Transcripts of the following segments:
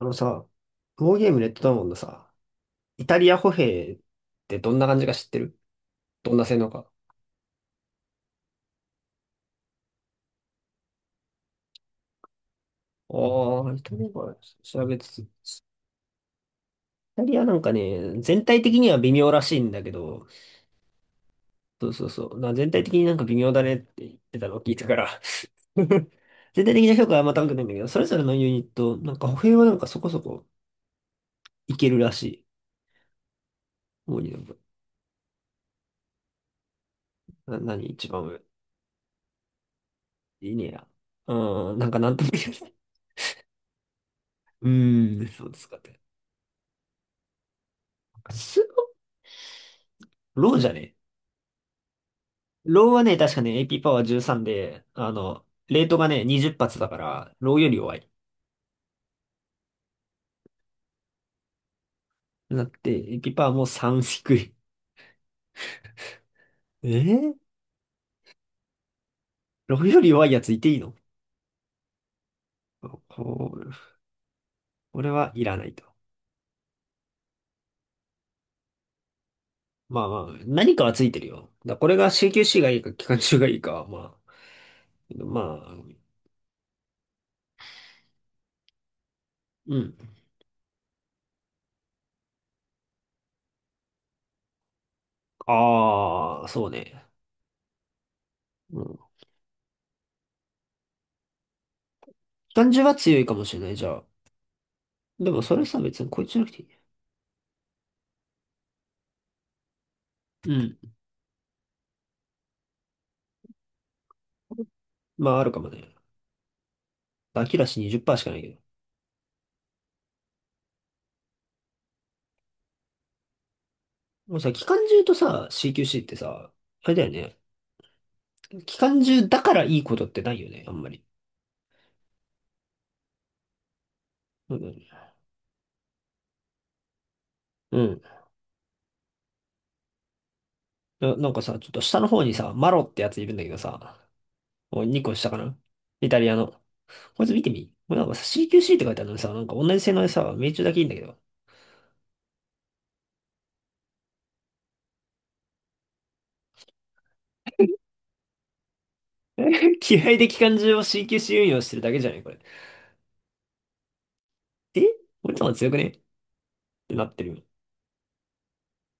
あのさ、ウォーゲームレッドダウンのさ、イタリア歩兵ってどんな感じか知ってる？どんな性能か。ああ、イタリアか、調べつつ。イタリアなんかね、全体的には微妙らしいんだけど、そうそうそう、全体的になんか微妙だねって言ってたのを聞いたから。全体的な評価はあんま高くないんだけど、それぞれのユニット、なんか歩兵はなんかそこそこいけるらしい。もうなんか何一番上。いいねや。うん、なんかなんとも言えない。うーん、そうですかって。スローじゃね？ローはね、確かね、AP パワー13で、レートがね、20発だから、ローより弱い。なって、AP パワーも3低い。えー、ローより弱いやついていいの？こう、これはいらないと。まあまあ、何かはついてるよ。だこれが CQC がいいか、機関銃がいいかは、まあ、うん。ああ、そうね。うん。機関銃は強いかもしれない、じゃあ。でもそれさ、別にこいつじゃなくていいね？うん。まあ、あるかもね。アキラシ20%しかないけど。もうさ、期間中とさ、CQC ってさ、あれだよね。期間中だからいいことってないよね、あんまり。うん。うん。なんかさ、ちょっと下の方にさ、マロってやついるんだけどさ、もう2個下かな？イタリアの。こいつ見てみ。もうなんかさ、CQC って書いてあるのにさ、なんか同じ性能でさ、命中だけいいんだけど。気合で期間中を CQC 運用してるだけじゃないこれ？えこいつの方が強くね？ってなってる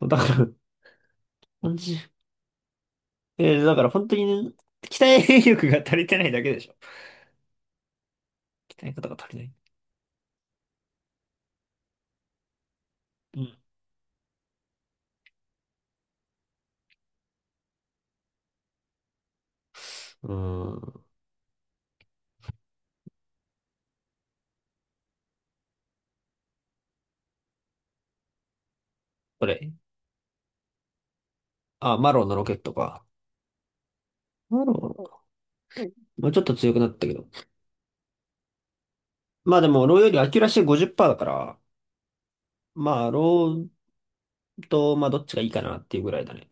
よ。だから、感じ。だから本当にね、鍛え力が足りてないだけでしょ。鍛え方が足りない。うん。うーん。これ。あ、マロンのロケットか。マロン。まあ、ちょっと強くなったけど。まあでも、ローよりアキュラシー50%だから、まあ、ローと、まあ、どっちがいいかなっていうぐらいだね。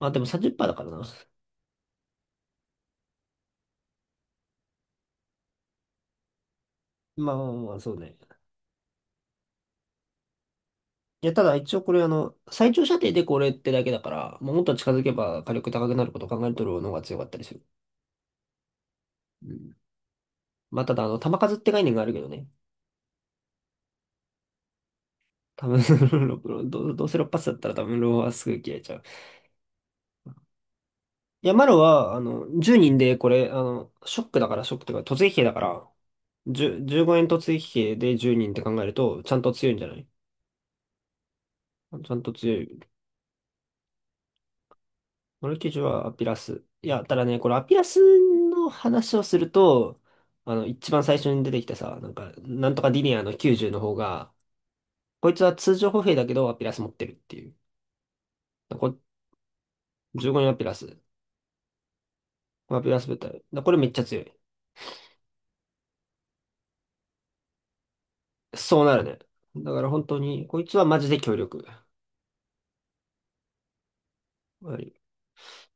まあでも30%だからな。まあまあまあ、そうね。いや、ただ一応これ最長射程でこれってだけだから、もうもっと近づけば火力高くなることを考えるとローの方が強かったりする。うん。まあただ弾数って概念があるけどね。多分 どうせ6発だったら多分ローはすぐ消えちゃう。いや、マロは、10人で、これ、ショックだから、ショックというか、突撃兵だから、10、15円突撃兵で10人って考えると、ちゃんと強いんじゃない？ちゃんと強い。マルキジュはアピラス。いや、ただね、これアピラスの話をすると、一番最初に出てきたさ、なんか、なんとかディニアの90の方が、こいつは通常歩兵だけど、アピラス持ってるっていう。だこ15円アピラス。これアピラス部隊。だこれめっちゃ強い。そうなるね。だから本当に、こいつはマジで強力。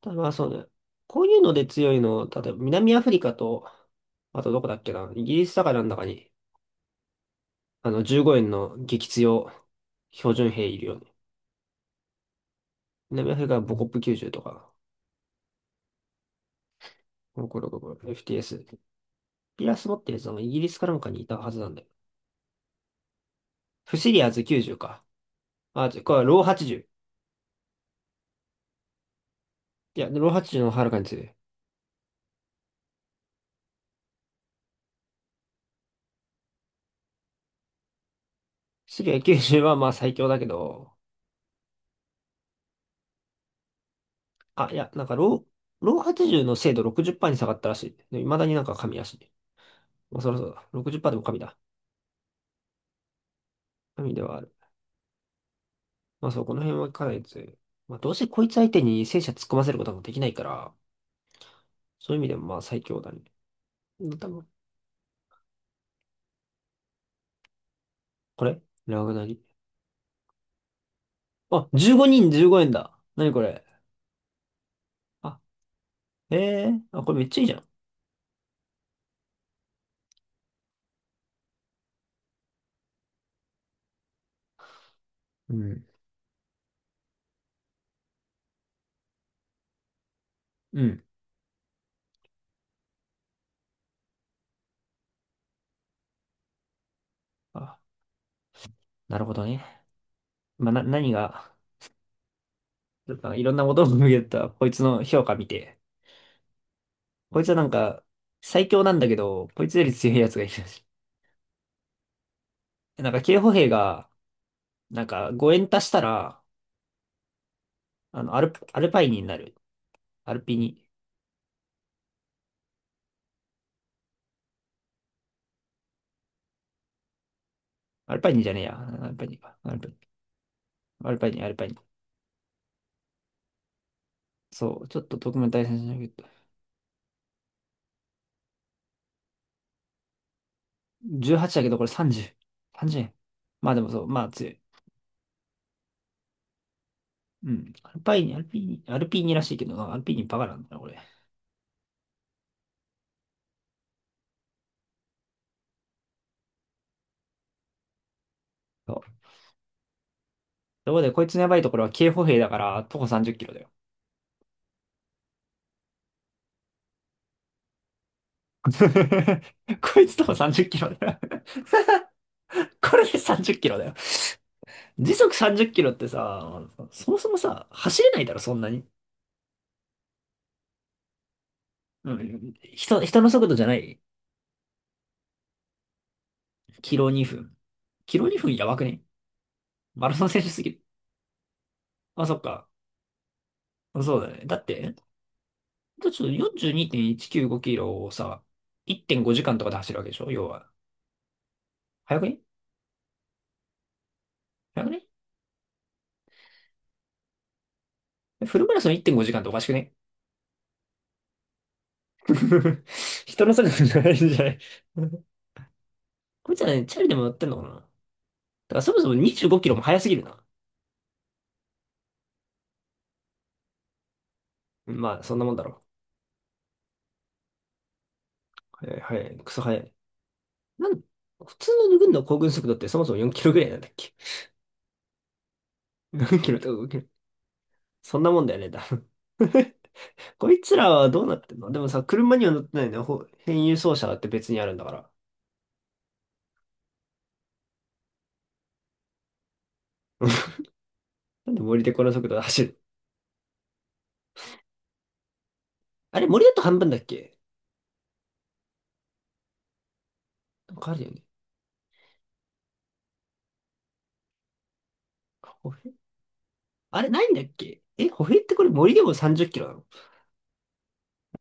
ただまあそうね。こういうので強いの、例えば南アフリカと、あとどこだっけな、イギリスだからなんだかに、あの15円の激強標準兵いるよね。南アフリカはボコップ90とか、ゴロゴロゴロエフティ FTS。ピラス持ってるやつはイギリスかなんかにいたはずなんだよ。フシリアーズ90か。あ、違うこれはロー80。いや、ロー80の方がはるかに強い。フシリア90はまあ最強だけど、あ、いや、なんかロー80の精度60%に下がったらしい。で、未だになんか神らしい。まあそろそろだ。60%でも神だ。神ではある。まあそう、この辺はかなり強い。まあどうせこいつ相手に戦車突っ込ませることもできないから、そういう意味でもまあ最強だね。多分、これラグナリ。あ、15人15円だ。なにこれ。あ、え、え、あ、これめっちゃいいじゃん。うん。うん。あ、なるほどね。まあな、何が、ちょっといろんなことを見ると、こいつの評価見て。こいつはなんか、最強なんだけど、こいつより強いやつがいるらしい。なんか、警歩兵が、なんか5円足したら、アルパイニになる。アルピニ。アルパイニじゃねえや。アルパイニか。アルパイニ。アルパイニ、アルパイニ。そう、ちょっと特務対戦しなきゃいけない。18だけどこれ30。30円。まあでもそう、まあ強い。うん。アルパイニ、アルピーニ、アルピーニらしいけどな、アルピーニバカなんだな、これ。そう。ところで、こいつのやばいところは警歩兵だから、徒歩30キロだよ。こいつ徒歩30キロだよ。これで30キロだよ。時速30キロってさ、そもそもさ、走れないだろ、そんなに。うん。人の速度じゃない。キロ2分。キロ2分やばくね？マラソン選手すぎる。あ、そっか。そうだね。だってちょっと42.195キロをさ、1.5時間とかで走るわけでしょ要は。早くね？早くね？フルマラソン1.5時間っておかしくね？ 人のそれぞれじゃないんじゃない？ こいつらね、チャリでも乗ってんのかな？だからそもそも25キロも速すぎるな。まあ、そんなもんだろう。はい、はい、クソ速い。なん、普通の軍の行軍速度ってそもそも4キロぐらいなんだっけ？ 4 キロとか5キロ。そんなもんだよね。こいつらはどうなってんの？でもさ、車には乗ってないのよ。ほ変輸送車だって別にあるんだから。なんで森でこの速度で走る？あれ、森だと半分だっけ？なんかあるよね。歩兵あれ、ないんだっけ？歩兵ってこれ森でも30キロなの？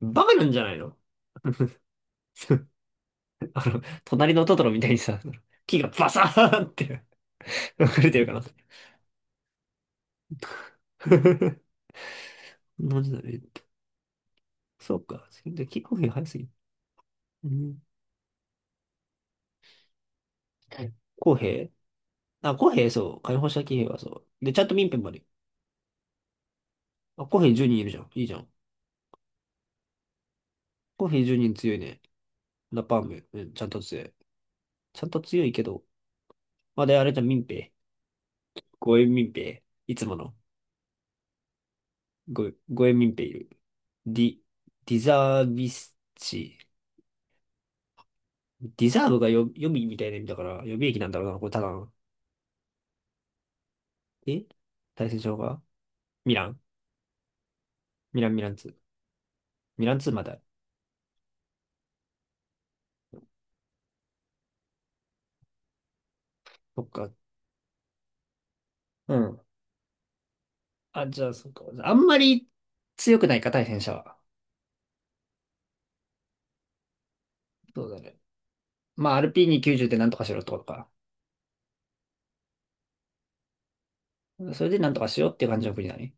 バカなんじゃないの？ 隣のトトロみたいにさ、木がバサーンって 溢れてるかな。なんでだねって。そうか。で、木歩兵早すぎる。うん。公兵？あ、公兵そう。解放した騎兵はそう。で、ちゃんと民兵まで。あ、公平10人いるじゃん。いいじゃん。コーヒー1に人強いね。ラパーム、うん、ちゃんと強い。ちゃんと強いけど。まあ、あれじゃん、民兵。ゴエ民兵。いつもの。ゴエ民兵いる。ディ、ディザービスチ。ディザーブがよ予備みたいな意味だから、予備役なんだろうな、これただの。え対戦場がミラン。ミラン、ミランツーまだ。そっか。うん。あ、じゃあ、そっか。あんまり強くないか、対戦者は。そうだね。まあ、アルピーニ90でなんとかしろってことか。それでなんとかしようっていう感じの国だね。